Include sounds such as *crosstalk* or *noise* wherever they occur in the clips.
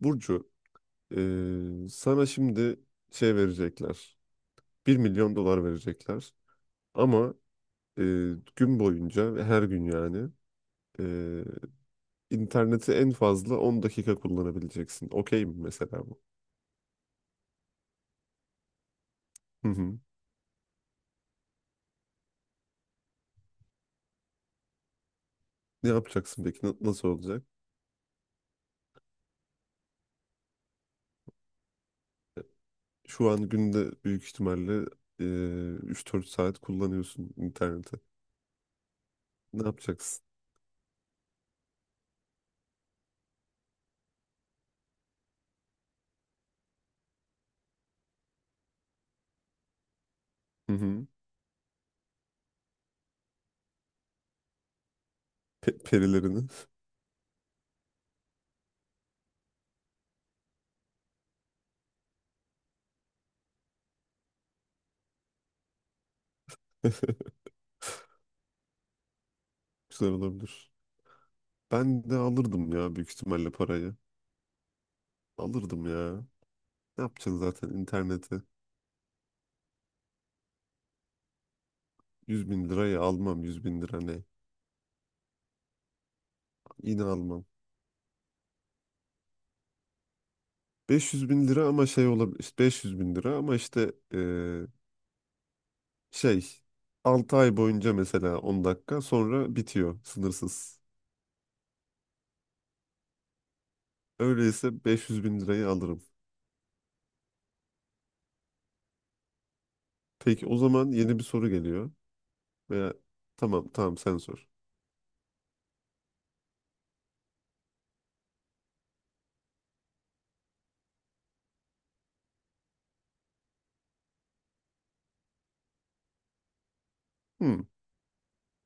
Burcu, sana şimdi şey verecekler. Bir milyon dolar verecekler. Ama eee, gün boyunca ve her gün yani eee, interneti en fazla 10 dakika kullanabileceksin. Okey mi mesela bu? Hı hı. Ne yapacaksın peki? Nasıl olacak? Şu an günde büyük ihtimalle eee 3-4 saat kullanıyorsun interneti. Ne yapacaksın? Hı hı. Perilerini. *laughs* Güzel olabilir. Ben de alırdım ya, büyük ihtimalle parayı. Alırdım ya. Ne yapacaksın zaten internete? 100 bin lirayı almam, 100 bin lira ne? Yine almam. 500 bin lira ama şey olabilir. İşte 500 bin lira ama işte, şey, 6 ay boyunca mesela 10 dakika sonra bitiyor sınırsız. Öyleyse 500 bin lirayı alırım. Peki o zaman yeni bir soru geliyor. Veya tamam, tamam, sen sor. Hmm,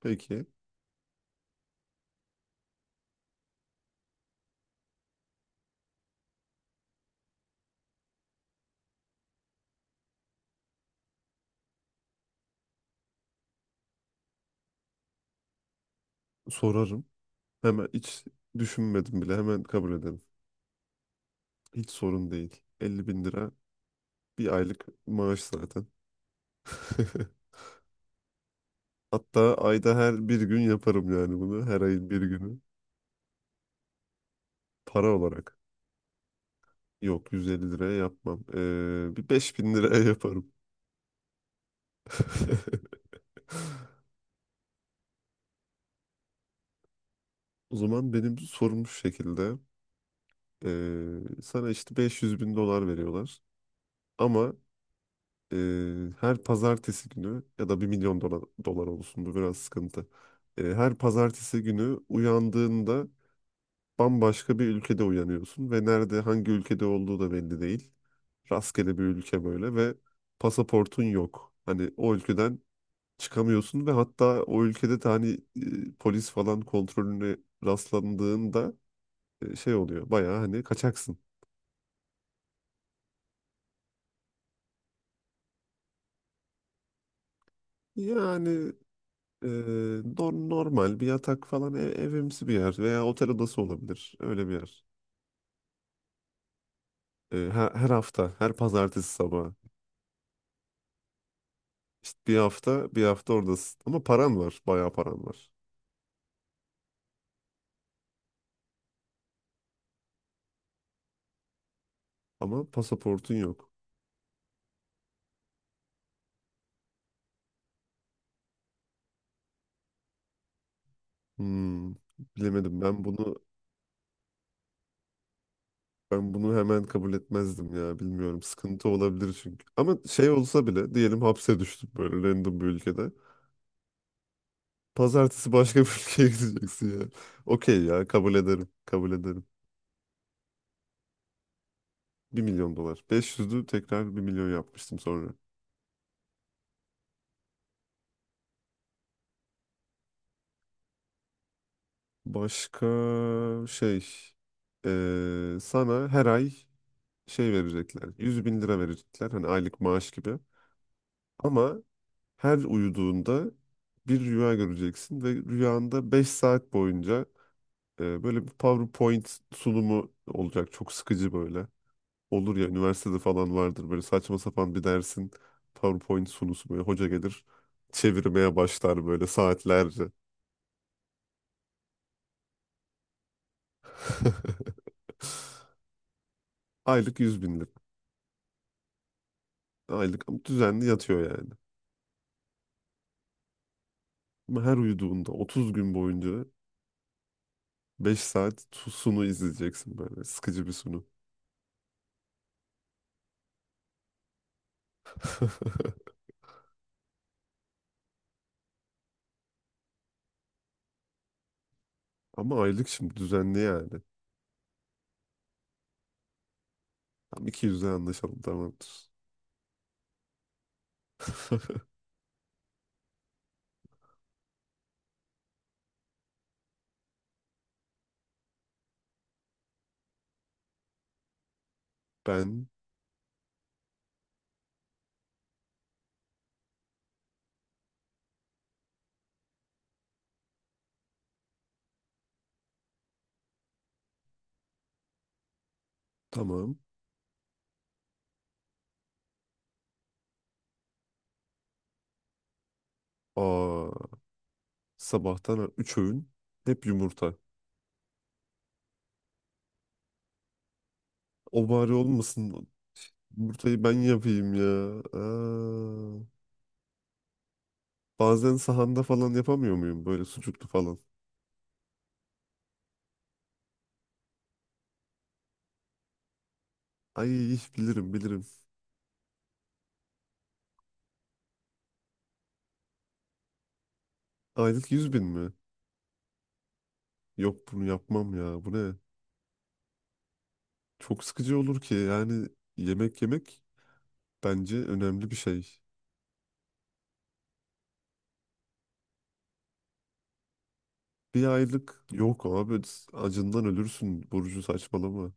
peki sorarım. Hemen hiç düşünmedim bile, hemen kabul ederim. Hiç sorun değil. 50 bin lira bir aylık maaş zaten. *laughs* Hatta ayda her bir gün yaparım yani bunu. Her ayın bir günü. Para olarak. Yok, 150 liraya yapmam. Bir 5 bin liraya yaparım. *laughs* O zaman benim sorum şu şekilde. Sana işte 500 bin dolar veriyorlar. Ama e, her pazartesi günü, ya da bir milyon dolar, dolar olsun, bu biraz sıkıntı. Her pazartesi günü uyandığında bambaşka bir ülkede uyanıyorsun ve nerede, hangi ülkede olduğu da belli değil. Rastgele bir ülke böyle ve pasaportun yok. Hani o ülkeden çıkamıyorsun ve hatta o ülkede de hani polis falan kontrolüne rastlandığında şey oluyor. Bayağı hani kaçaksın. Yani e, normal bir yatak falan, evimsi bir yer veya otel odası olabilir. Öyle bir yer. Her hafta, her pazartesi sabahı. İşte bir hafta, bir hafta oradasın. Ama paran var, bayağı paran var. Ama pasaportun yok. Hmm, bilemedim. Ben bunu hemen kabul etmezdim ya. Bilmiyorum. Sıkıntı olabilir çünkü. Ama şey olsa bile, diyelim hapse düştüm böyle random bir ülkede. Pazartesi başka bir *laughs* ülkeye gideceksin ya. Okey ya, kabul ederim. Kabul ederim. Bir milyon dolar. 500'ü tekrar bir milyon yapmıştım sonra. Başka şey, sana her ay şey verecekler. 100 bin lira verecekler. Hani aylık maaş gibi. Ama her uyuduğunda bir rüya göreceksin ve rüyanda 5 saat boyunca böyle bir PowerPoint sunumu olacak. Çok sıkıcı böyle. Olur ya, üniversitede falan vardır böyle saçma sapan bir dersin PowerPoint sunusu, böyle hoca gelir çevirmeye başlar böyle saatlerce. *laughs* Aylık 100 bin lira. Aylık ama düzenli yatıyor yani. Ama her uyuduğunda 30 gün boyunca 5 saat sunu izleyeceksin, böyle sıkıcı bir sunu. *laughs* Ama aylık, şimdi düzenli yani. Tam 200'e anlaşalım, tamamdır. *laughs* Ben. Tamam. Aa, sabahtan 3 öğün hep yumurta. O bari olmasın. Yumurtayı ben yapayım ya. Aa, bazen sahanda falan yapamıyor muyum böyle sucuklu falan? Ay iş, bilirim bilirim. Aylık yüz bin mi? Yok, bunu yapmam ya. Bu ne? Çok sıkıcı olur ki. Yani, yemek yemek bence önemli bir şey. Bir aylık yok abi, acından ölürsün Burcu, saçmalama.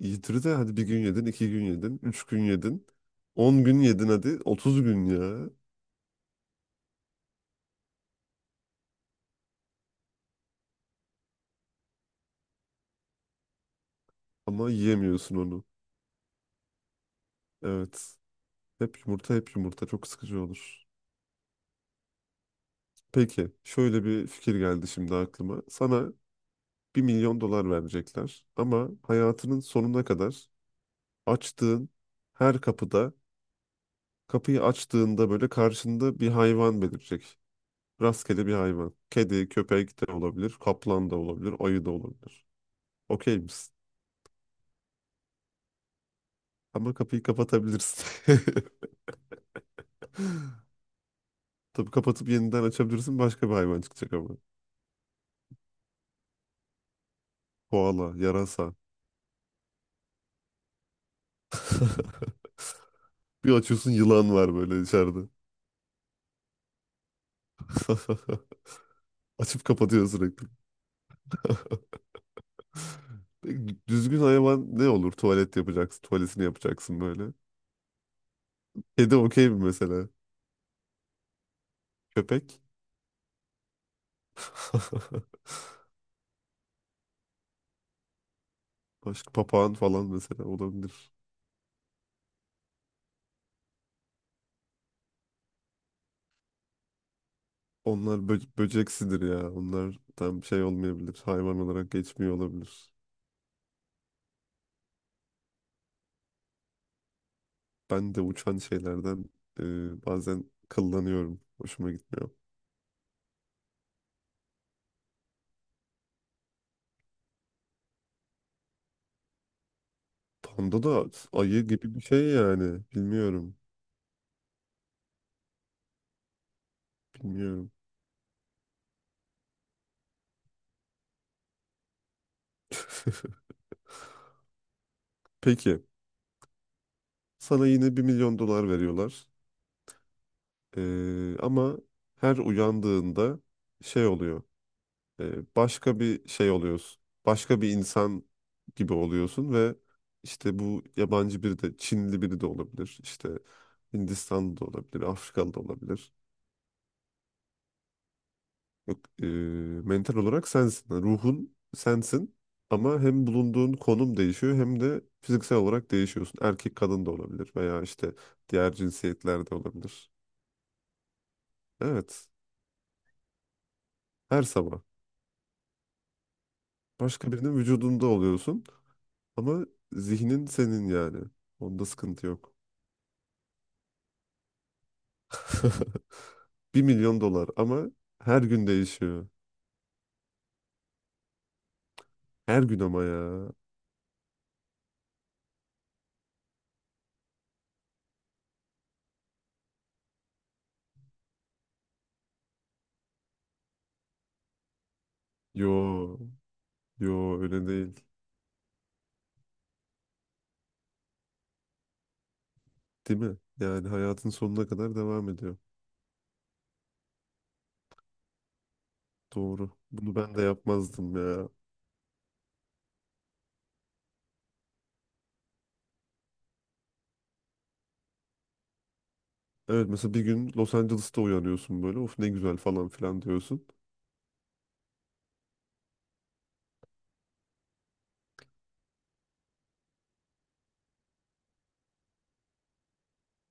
Yitiri de hadi, bir gün yedin, iki gün yedin, üç gün yedin, 10 gün yedin hadi, 30 gün ya. Ama yiyemiyorsun onu. Evet. Hep yumurta, hep yumurta, çok sıkıcı olur. Peki, şöyle bir fikir geldi şimdi aklıma. Sana bir milyon dolar verecekler, ama hayatının sonuna kadar açtığın her kapıda, kapıyı açtığında böyle karşında bir hayvan belirecek. Rastgele bir hayvan. Kedi, köpek de olabilir. Kaplan da olabilir. Ayı da olabilir. Okey misin? Ama kapıyı kapatabilirsin. *laughs* Tabii, kapatıp yeniden açabilirsin. Başka bir hayvan çıkacak ama. Koala, yarasa. *laughs* Bir açıyorsun, yılan var böyle içeride. *laughs* Açıp kapatıyor sürekli. Peki, düzgün hayvan ne olur? Tuvalet yapacaksın. Tuvaletini yapacaksın böyle. Kedi okey mi mesela? Köpek? *laughs* Başka, papağan falan mesela olabilir. Onlar böceksidir ya. Onlar tam şey olmayabilir. Hayvan olarak geçmiyor olabilir. Ben de uçan şeylerden bazen kıllanıyorum. Hoşuma gitmiyor. Panda da ayı gibi bir şey yani. Bilmiyorum. Bilmiyorum. *laughs* Peki. Sana yine bir milyon dolar veriyorlar. Ama her uyandığında şey oluyor. Başka bir şey oluyorsun. Başka bir insan gibi oluyorsun ve işte, bu yabancı biri de Çinli biri de olabilir. İşte Hindistanlı da olabilir, Afrikalı da olabilir. Yok, mental olarak sensin. Yani, ruhun sensin ama hem bulunduğun konum değişiyor hem de fiziksel olarak değişiyorsun. Erkek, kadın da olabilir veya işte diğer cinsiyetler de olabilir. Evet, her sabah. Başka birinin vücudunda oluyorsun ama zihnin senin yani. Onda sıkıntı yok. *laughs* Bir milyon dolar, ama her gün değişiyor. Her gün ama ya. Yo, yo, öyle değil. Değil mi? Yani hayatın sonuna kadar devam ediyor. Doğru. Bunu ben de yapmazdım ya. Evet, mesela bir gün Los Angeles'ta uyanıyorsun böyle. Of, ne güzel falan filan diyorsun.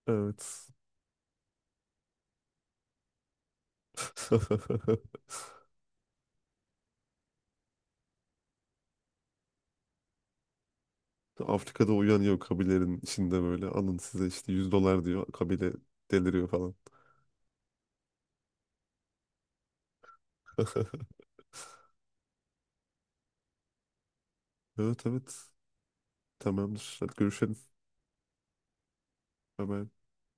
Evet. *laughs* Afrika'da uyanıyor, kabilerin içinde böyle. Alın size işte 100 dolar diyor. Kabile deliriyor falan. *laughs* Evet, evet. Tamamdır. Hadi görüşelim. Bye bye.